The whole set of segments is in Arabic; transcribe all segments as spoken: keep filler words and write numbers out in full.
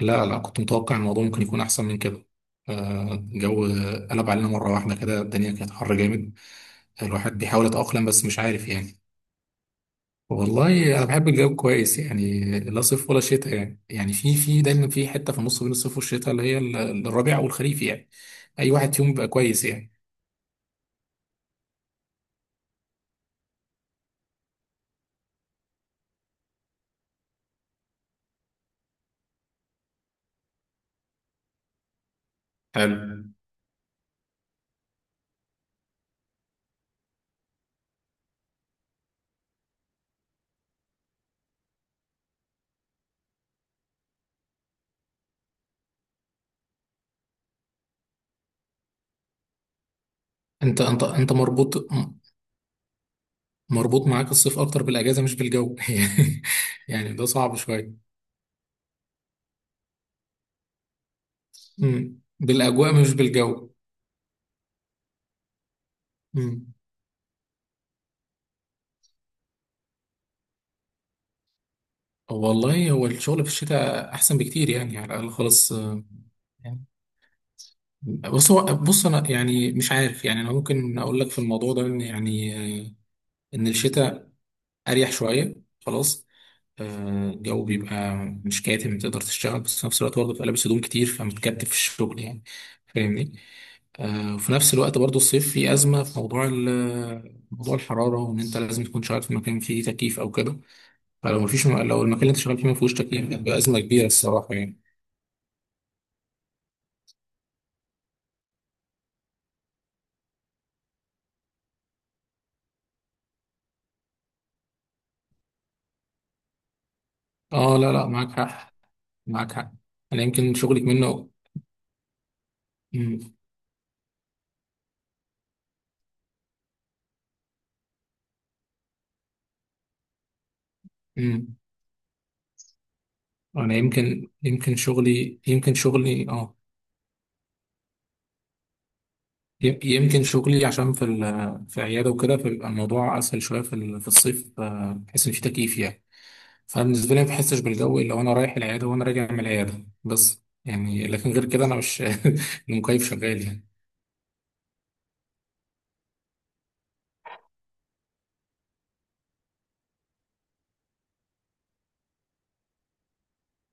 لا لا، كنت متوقع إن الموضوع ممكن يكون أحسن من كده. آه، الجو قلب علينا مرة واحدة كده، الدنيا كانت حر جامد. الواحد بيحاول يتأقلم، بس مش عارف يعني. والله أنا بحب الجو كويس يعني، لا صيف ولا شتاء، يعني يعني في في دايما في حتة في النص بين الصيف والشتاء اللي هي ال- الربيع والخريف يعني. أي واحد فيهم بيبقى كويس يعني. حلو. أنت أنت أنت مربوط م- مربوط معاك الصيف أكتر بالأجازة مش بالجو. يعني ده صعب شوية. أمم، بالأجواء مش بالجو. أمم. والله هو الشغل في الشتاء احسن بكتير يعني، على الاقل خالص. آه، يعني بص. هو بص انا يعني مش عارف يعني، انا ممكن اقول لك في الموضوع ده ان يعني، آه، ان الشتاء اريح شويه، خلاص. آه، الجو بيبقى مش كاتم، تقدر تشتغل، بس في نفس الوقت برضه بتبقى لابس هدوم كتير فمتكتف في الشغل يعني. فاهمني؟ آه، وفي نفس الوقت برضه الصيف فيه ازمه في موضوع ال- موضوع الحراره، وان انت لازم تكون شغال في مكان فيه تكييف او كده. فلو مفيش، لو المكان اللي انت شغال فيه ما فيهوش تكييف، بتبقى ازمه كبيره الصراحه يعني. اه لا لا، معاك حق. معاك حق. انا يمكن شغلك منه. امم. امم. انا يمكن يمكن شغلي يمكن شغلي اه. يم- يمكن شغلي عشان في ال- في عياده وكده، فبيبقى الموضوع اسهل شويه في ال- في الصيف، آه، بحيث ان في تكييف يعني. فبالنسبه لي ما بحسش بالجو الا وانا رايح العياده وانا راجع من العياده بس يعني، لكن غير كده انا مش المكيف شغال يعني.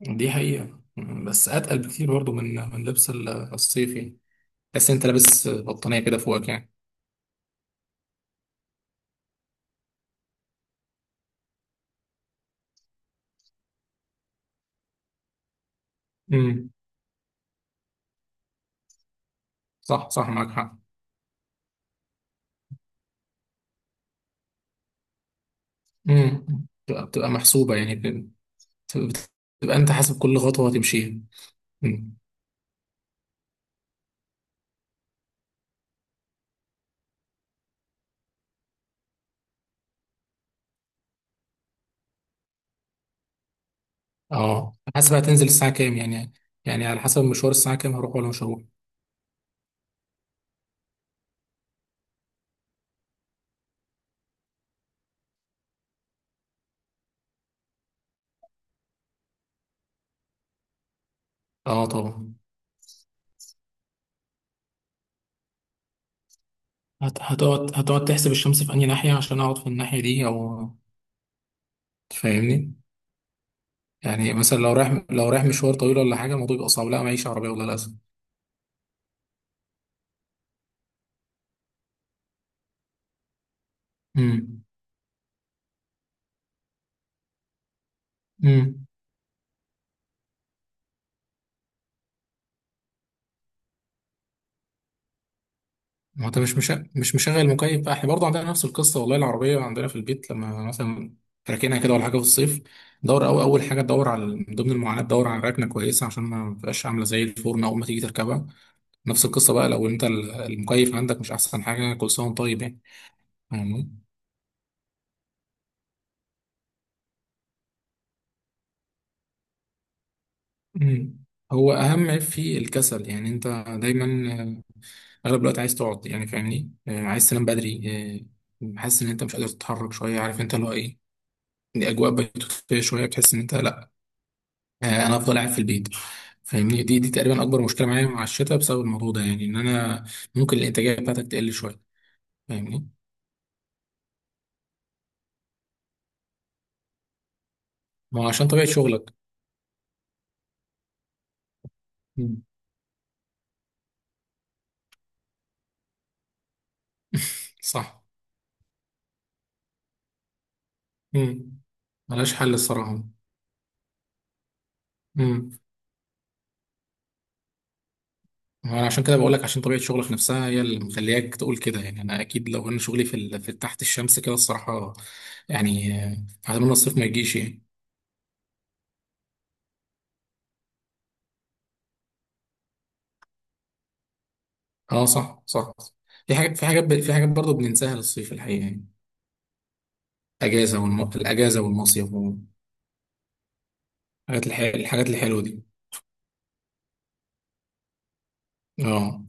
دي حقيقه. بس اتقل بكتير برضو من من لبس ال- الصيف يعني. بس انت لابس بطانيه كده فوقك يعني. امم. صح صح، معاك حق. امم. بتبقى بتبقى محسوبة يعني بت- بت- بتبقى انت حاسب كل خطوة هتمشيها. امم. اه حاسب، هتنزل الساعة كام يعني، يعني على حسب مشوار الساعة كام هروح ولا مش هروح. اه طبعا. هت- هتقعد هتقعد تحسب الشمس في أنهي ناحية عشان اقعد في الناحية دي او. فاهمني؟ يعني مثلا لو رايح لو رايح مشوار طويل ولا حاجة، الموضوع بيبقى صعب. لا معيش عربية والله للأسف. امم. ما هو انت مش مشغل مش مشغل مكيف بقى، احنا برضه عندنا نفس القصه. والله العربيه عندنا في البيت لما مثلا راكنها كده ولا حاجه في الصيف، دور، أو اول حاجه تدور على، من ضمن المعاناه، تدور على ركنه كويسه عشان ما تبقاش عامله زي الفرن اول ما تيجي تركبها. نفس القصه بقى، لو انت ال- المكيف عندك مش احسن حاجه كل سنه وانت طيب يعني. فاهمني؟ مم. هو اهم عيب فيه الكسل، يعني انت دايما، آه، اغلب الوقت عايز تقعد يعني. فاهمني؟ آه، عايز تنام بدري. آه، حاسس ان انت مش قادر تتحرك شويه، عارف انت اللي هو ايه، الاجواء بتتفق شويه، بتحس ان انت لا، آه، انا افضل قاعد في البيت. فاهمني؟ دي دي تقريبا اكبر مشكله معايا مع الشتاء، بسبب الموضوع ده يعني، ان انا ممكن الانتاجيه بتاعتك تقل شويه. فاهمني؟ ما هو عشان طبيعه شغلك. مم. صح. مم. ملهاش حل الصراحه. امم. انا عشان كده بقول لك، عشان طبيعه شغلك نفسها هي اللي مخلياك تقول كده يعني. انا اكيد لو انا شغلي في, ال... في تحت الشمس كده الصراحه، يعني، آه، اتمنى الصيف ما يجيش يعني. اه صح صح. في حاجات في حاجات ب... في حاجات برضه بننساها للصيف الحقيقه يعني. اجازه والم... الاجازه والمصيف. الحاجات الح... الحاجات الحلوة دي. اه.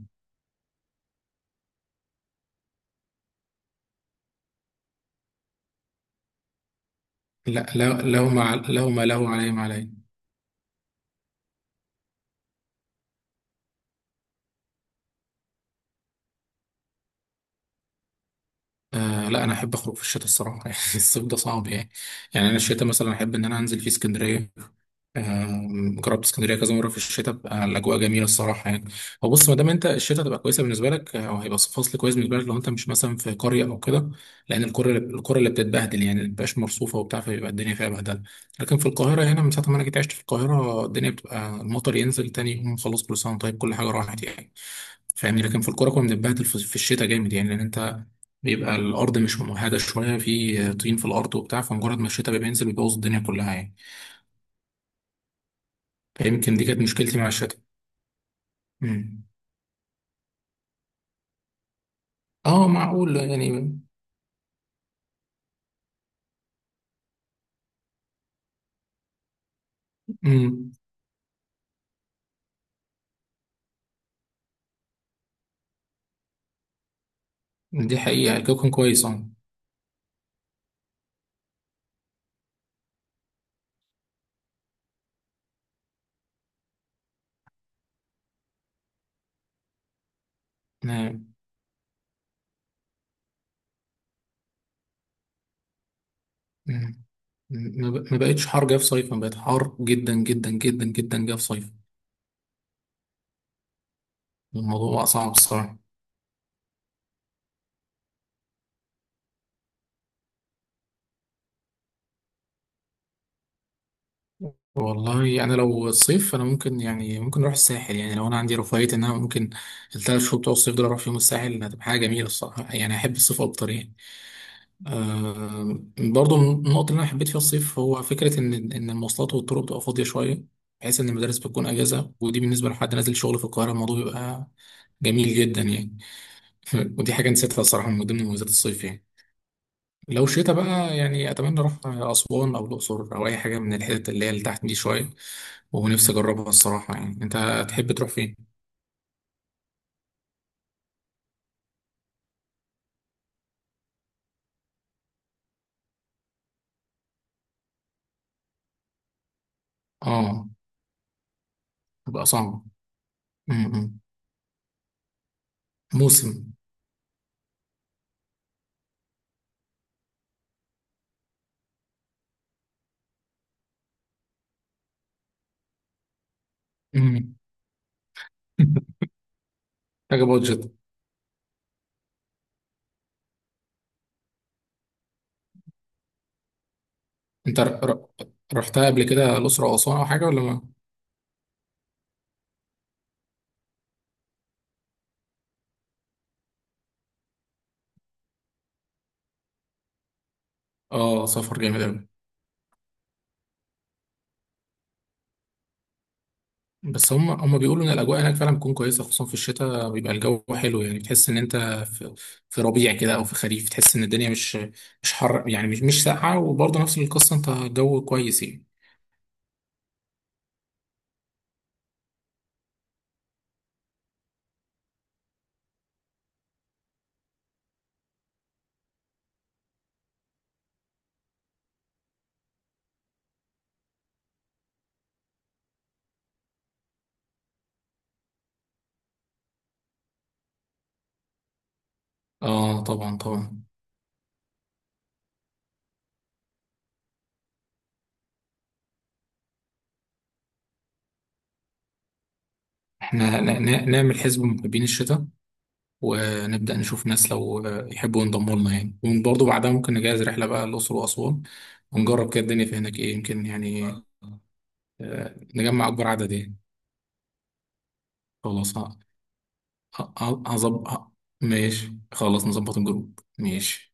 لا لا، لو ما عل- لو ما له عليه ما عليه. آه لا، انا احب اخرج في الشتاء الصراحه. يعني الصيف ده صعب يعني. يعني انا الشتاء مثلا احب ان انا انزل في اسكندريه. آم، جربت اسكندريه كذا مره في الشتاء بقى، الاجواء جميله الصراحه يعني. هو بص، ما دام انت الشتاء تبقى كويسه بالنسبه لك، آه، او هيبقى فصل كويس بالنسبه لك، لو انت مش مثلا في قريه او كده. لان القرى القرى اللي بتتبهدل يعني، ما بتبقاش مرصوفه وبتاع، فبيبقى الدنيا فيها بهدله. لكن في القاهره هنا من ساعه ما انا جيت عشت في القاهره، الدنيا بتبقى المطر ينزل تاني يوم خلاص كل سنه، طيب كل حاجه راحت يعني. فاهمني؟ لكن في القرى كنا بنتبهدل في في الشتاء جامد يعني، لان انت بيبقى الارض مش ممهده شويه، في طين في الارض وبتاع، فمجرد ما الشتاء بينزل بيبوظ الدنيا كلها يعني. فيمكن دي كانت مشكلتي مع الشتاء. مم. اه معقول يعني. مم. دي حقيقة، الجو كان كويس اه. نعم. مم. ما ب- ما بقتش حر جه في صيف، ما بقت حر جدا جدا جدا جدا جه في صيف. الموضوع بقى صعب الصراحة. والله يعني لو الصيف، انا ممكن يعني ممكن اروح الساحل يعني، لو انا عندي رفاهية ان انا ممكن الثلاث شهور بتوع الصيف دول اروح فيهم الساحل، هتبقى حاجة جميلة الصراحة يعني. احب الصيف اكتر يعني. آه برضو النقطة اللي أنا حبيت فيها الصيف هو فكرة إن إن المواصلات والطرق بتبقى فاضية شوية، بحيث إن المدارس بتكون أجازة، ودي بالنسبة لحد نازل شغل في القاهرة الموضوع بيبقى جميل جدا يعني. ودي حاجة نسيتها الصراحة من ضمن مميزات الصيف يعني. لو شتا بقى يعني، أتمنى أروح أسوان أو الأقصر أو أي حاجة من الحتت اللي هي اللي تحت دي شوية. ونفسي أجربها الصراحة يعني. أنت تحب تروح فين؟ آه. تبقى صعبة. م- م. موسم. م. حاجة بادجت. انت ر- ر- رحتها قبل كده، الاقصر او اسوان او حاجه ولا ما؟ اه سفر جامد قوي. بس هم هم بيقولوا ان الاجواء هناك فعلا بتكون كويسه، خصوصا في الشتاء بيبقى الجو حلو يعني، بتحس ان انت في, في ربيع كده او في خريف، تحس ان الدنيا مش مش حر يعني، مش مش ساقعه، وبرضه نفس القصه انت الجو كويس يعني. اه طبعا طبعا. احنا ن- ن- نعمل حزب محبين الشتاء، ونبدا نشوف ناس لو يحبوا ينضموا لنا يعني. وبرضه بعدها ممكن نجهز رحله بقى الاقصر واسوان، ونجرب كده الدنيا في هناك ايه يمكن يعني. آه، نجمع أكبر عدد إيه. خلاص. ه- ه- هظبط. ه- ماشي. خلاص نظبط الجروب. ماشي.